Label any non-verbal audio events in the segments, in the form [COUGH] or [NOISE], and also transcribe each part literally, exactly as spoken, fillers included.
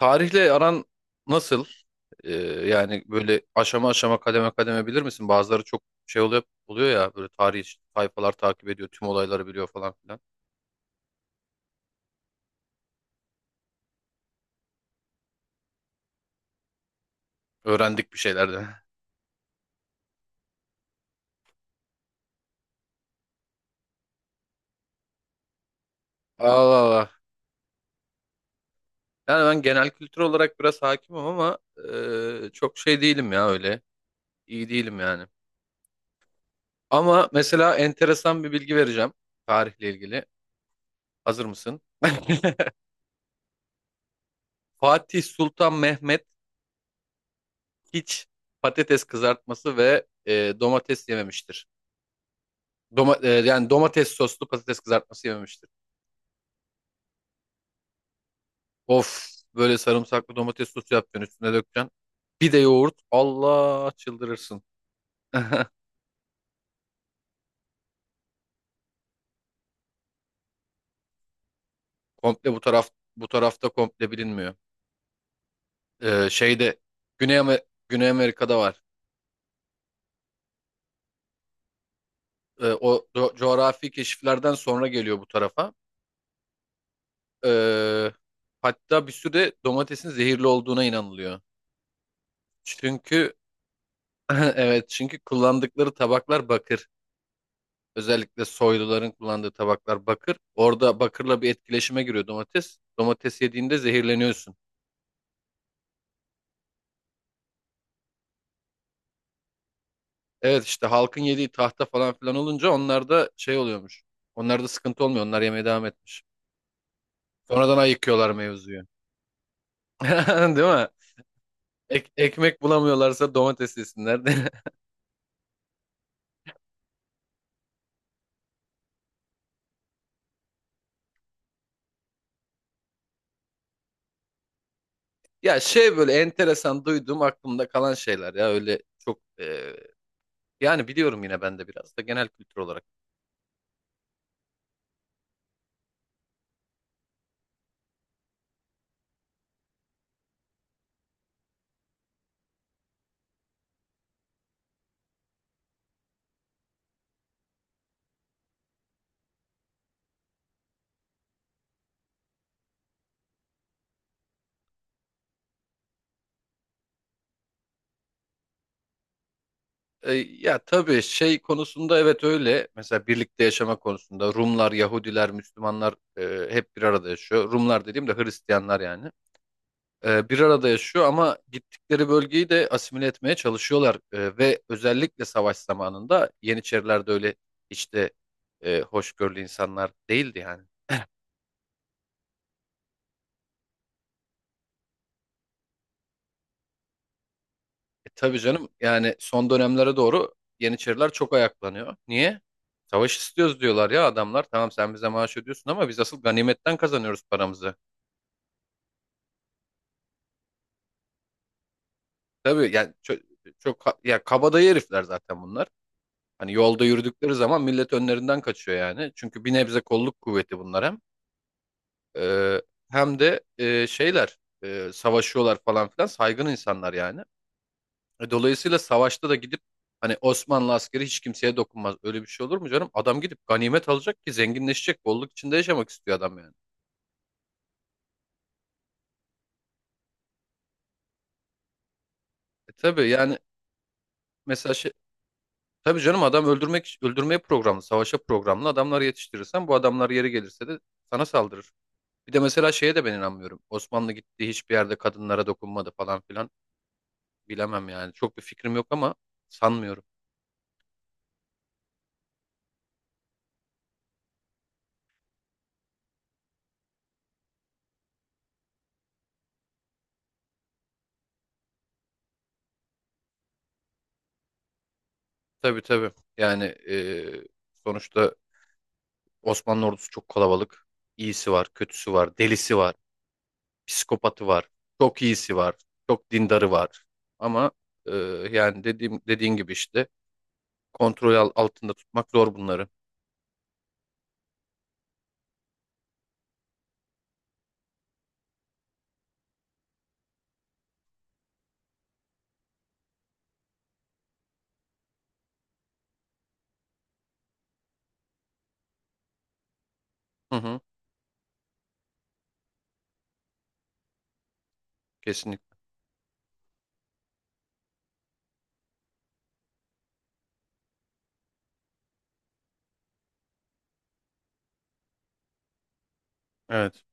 Tarihle aran nasıl? Ee, Yani böyle aşama aşama kademe kademe bilir misin? Bazıları çok şey oluyor, oluyor ya, böyle tarih sayfalar takip ediyor, tüm olayları biliyor falan filan. Öğrendik bir şeylerden. [LAUGHS] Allah Allah. Yani ben genel kültür olarak biraz hakimim ama e, çok şey değilim ya öyle. İyi değilim yani. Ama mesela enteresan bir bilgi vereceğim tarihle ilgili. Hazır mısın? [LAUGHS] Fatih Sultan Mehmet hiç patates kızartması ve e, domates yememiştir. Doma- e, yani domates soslu patates kızartması yememiştir. Of, böyle sarımsaklı domates sosu yapacaksın, üstüne dökeceksin. Bir de yoğurt. Allah, çıldırırsın. [LAUGHS] Komple bu taraf bu tarafta komple bilinmiyor. Ee, şeyde Güney, Amer- Güney Amerika'da var. Ee, o co- coğrafi keşiflerden sonra geliyor bu tarafa. Ee, Hatta bir süre domatesin zehirli olduğuna inanılıyor. Çünkü [LAUGHS] evet, çünkü kullandıkları tabaklar bakır. Özellikle soyluların kullandığı tabaklar bakır. Orada bakırla bir etkileşime giriyor domates. Domates yediğinde zehirleniyorsun. Evet, işte halkın yediği tahta falan filan olunca onlarda şey oluyormuş. Onlarda sıkıntı olmuyor. Onlar yemeye devam etmiş. Sonradan ayıkıyorlar mevzuyu. [LAUGHS] Değil mi? Ek- ekmek bulamıyorlarsa domates yesinler. [LAUGHS] Ya şey, böyle enteresan duyduğum aklımda kalan şeyler ya, öyle çok, e, yani biliyorum yine ben de biraz da genel kültür olarak. E, ya tabii, şey konusunda evet öyle. Mesela birlikte yaşama konusunda Rumlar, Yahudiler, Müslümanlar e, hep bir arada yaşıyor. Rumlar dediğim de Hristiyanlar yani. E, bir arada yaşıyor ama gittikleri bölgeyi de asimile etmeye çalışıyorlar. E, ve özellikle savaş zamanında Yeniçeriler de öyle işte, e, hoşgörülü insanlar değildi yani. E, tabii canım, yani son dönemlere doğru Yeniçeriler çok ayaklanıyor. Niye? Savaş istiyoruz diyorlar ya adamlar. Tamam, sen bize maaş ödüyorsun ama biz asıl ganimetten kazanıyoruz paramızı. Tabii yani çok, çok ha- ya, kabadayı herifler zaten bunlar. Hani yolda yürüdükleri zaman millet önlerinden kaçıyor yani. Çünkü bir nebze kolluk kuvveti bunlar hem. Ee, Hem de e, şeyler, e, savaşıyorlar falan filan, saygın insanlar yani. E, Dolayısıyla savaşta da gidip, hani Osmanlı askeri hiç kimseye dokunmaz. Öyle bir şey olur mu canım? Adam gidip ganimet alacak ki zenginleşecek. Bolluk içinde yaşamak istiyor adam yani. E, tabii yani, mesela şey, tabii canım, adam öldürmek, öldürmeye programlı, savaşa programlı adamlar yetiştirirsen, bu adamlar yeri gelirse de sana saldırır. Bir de mesela şeye de ben inanmıyorum. Osmanlı gittiği hiçbir yerde kadınlara dokunmadı falan filan. Bilemem yani. Çok bir fikrim yok ama sanmıyorum. Tabii, tabii. Yani e, sonuçta Osmanlı ordusu çok kalabalık. İyisi var, kötüsü var, delisi var, psikopatı var. Çok iyisi var, çok dindarı var. Ama e, yani dediğim dediğin gibi işte, kontrol al- altında tutmak zor bunları. Hı hı, kesinlikle. Evet.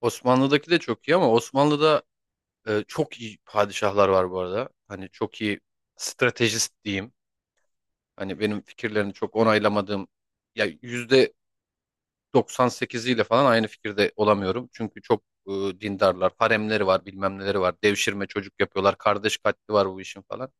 Osmanlı'daki de çok iyi ama Osmanlı'da, Ee, çok iyi padişahlar var bu arada. Hani çok iyi stratejist diyeyim. Hani benim fikirlerini çok onaylamadığım, ya yüzde doksan sekiziyle falan aynı fikirde olamıyorum. Çünkü çok e, dindarlar, haremleri var, bilmem neleri var. Devşirme çocuk yapıyorlar, kardeş katli var bu işin falan.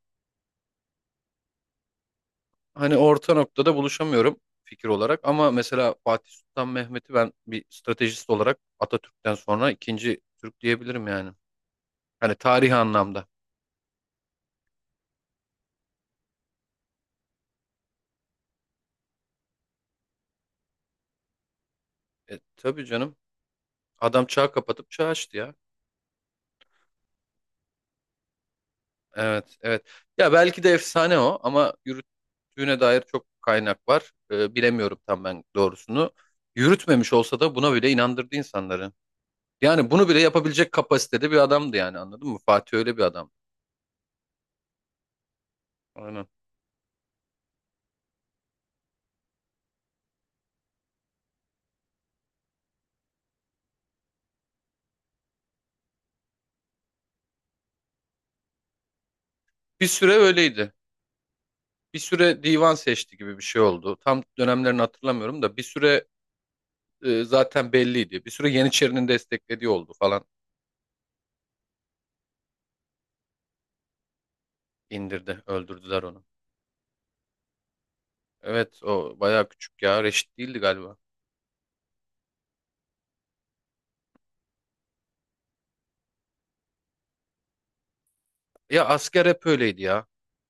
Hani orta noktada buluşamıyorum fikir olarak ama mesela Fatih Sultan Mehmet'i ben bir stratejist olarak Atatürk'ten sonra ikinci Türk diyebilirim yani. Hani tarihi anlamda. E, tabii canım. Adam çağ kapatıp çağ açtı ya. Evet, evet. Ya belki de efsane o ama yürüttüğüne dair çok kaynak var. Ee, bilemiyorum tam ben doğrusunu. Yürütmemiş olsa da buna bile inandırdı insanları. Yani bunu bile yapabilecek kapasitede bir adamdı yani, anladın mı? Fatih öyle bir adam. Aynen. Bir süre öyleydi. Bir süre divan seçti gibi bir şey oldu. Tam dönemlerini hatırlamıyorum da bir süre e, zaten belliydi. Bir süre Yeniçeri'nin desteklediği oldu falan. İndirdi, öldürdüler onu. Evet, o bayağı küçük ya. Reşit değildi galiba. Ya asker hep öyleydi ya.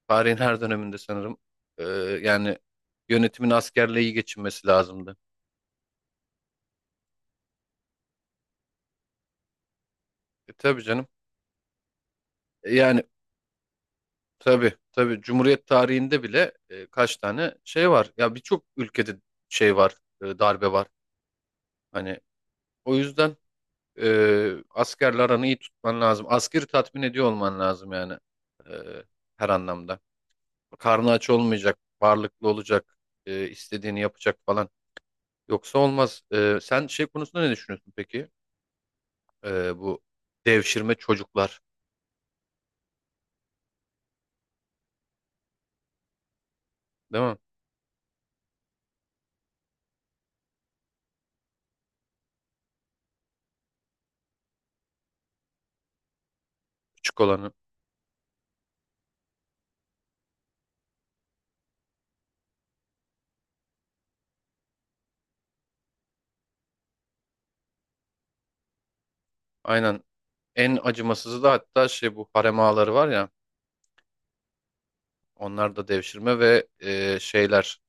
Tarihin her döneminde sanırım. Ee, Yani yönetimin askerle iyi geçinmesi lazımdı. E, tabii canım. E, yani tabii tabii, Cumhuriyet tarihinde bile e, kaç tane şey var. Ya birçok ülkede şey var, e, darbe var. Hani o yüzden e, askerle aranı iyi tutman lazım. Askeri tatmin ediyor olman lazım yani, e, her anlamda. Karnı aç olmayacak, varlıklı olacak, e, istediğini yapacak falan. Yoksa olmaz. Ee, sen şey konusunda ne düşünüyorsun peki? Ee, bu devşirme çocuklar, değil mi? Küçük olanı. Aynen. En acımasızı da hatta şey, bu harem ağaları var ya. Onlar da devşirme ve e, şeyler,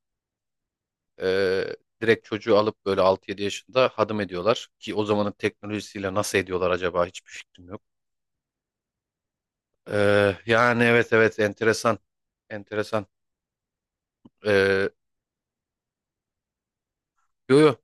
e, direkt çocuğu alıp böyle altı yedi yaşında hadım ediyorlar. Ki o zamanın teknolojisiyle nasıl ediyorlar acaba, hiçbir fikrim yok. Ee, yani evet, evet, enteresan. Enteresan. Ee, Yo, yo.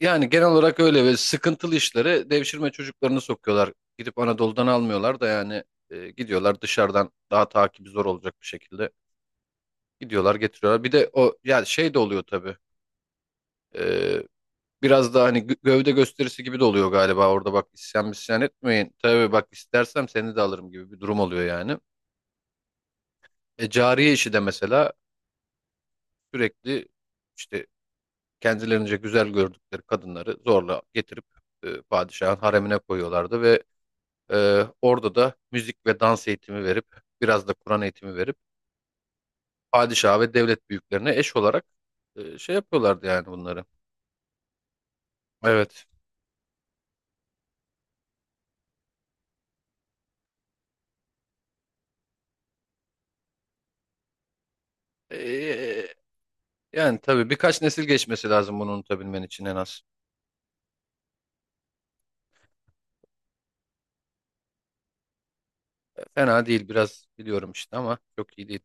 Yani genel olarak öyle ve sıkıntılı işlere devşirme çocuklarını sokuyorlar. Gidip Anadolu'dan almıyorlar da yani, e, gidiyorlar dışarıdan daha takibi zor olacak bir şekilde, gidiyorlar getiriyorlar. Bir de o yani, şey de oluyor tabii. E, Biraz da hani gö- gövde gösterisi gibi de oluyor galiba. Orada bak, isyan misyan etmeyin. Tabii, bak istersem seni de alırım gibi bir durum oluyor yani. E, cariye işi de mesela sürekli işte kendilerince güzel gördükleri kadınları zorla getirip e, padişahın haremine koyuyorlardı ve Ee, orada da müzik ve dans eğitimi verip, biraz da Kur'an eğitimi verip padişah ve devlet büyüklerine eş olarak e, şey yapıyorlardı yani bunları. Evet. Ee, Yani tabii birkaç nesil geçmesi lazım bunu unutabilmen için en az. Fena değil, biraz biliyorum işte ama çok iyi değil.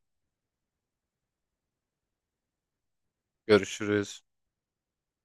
Görüşürüz.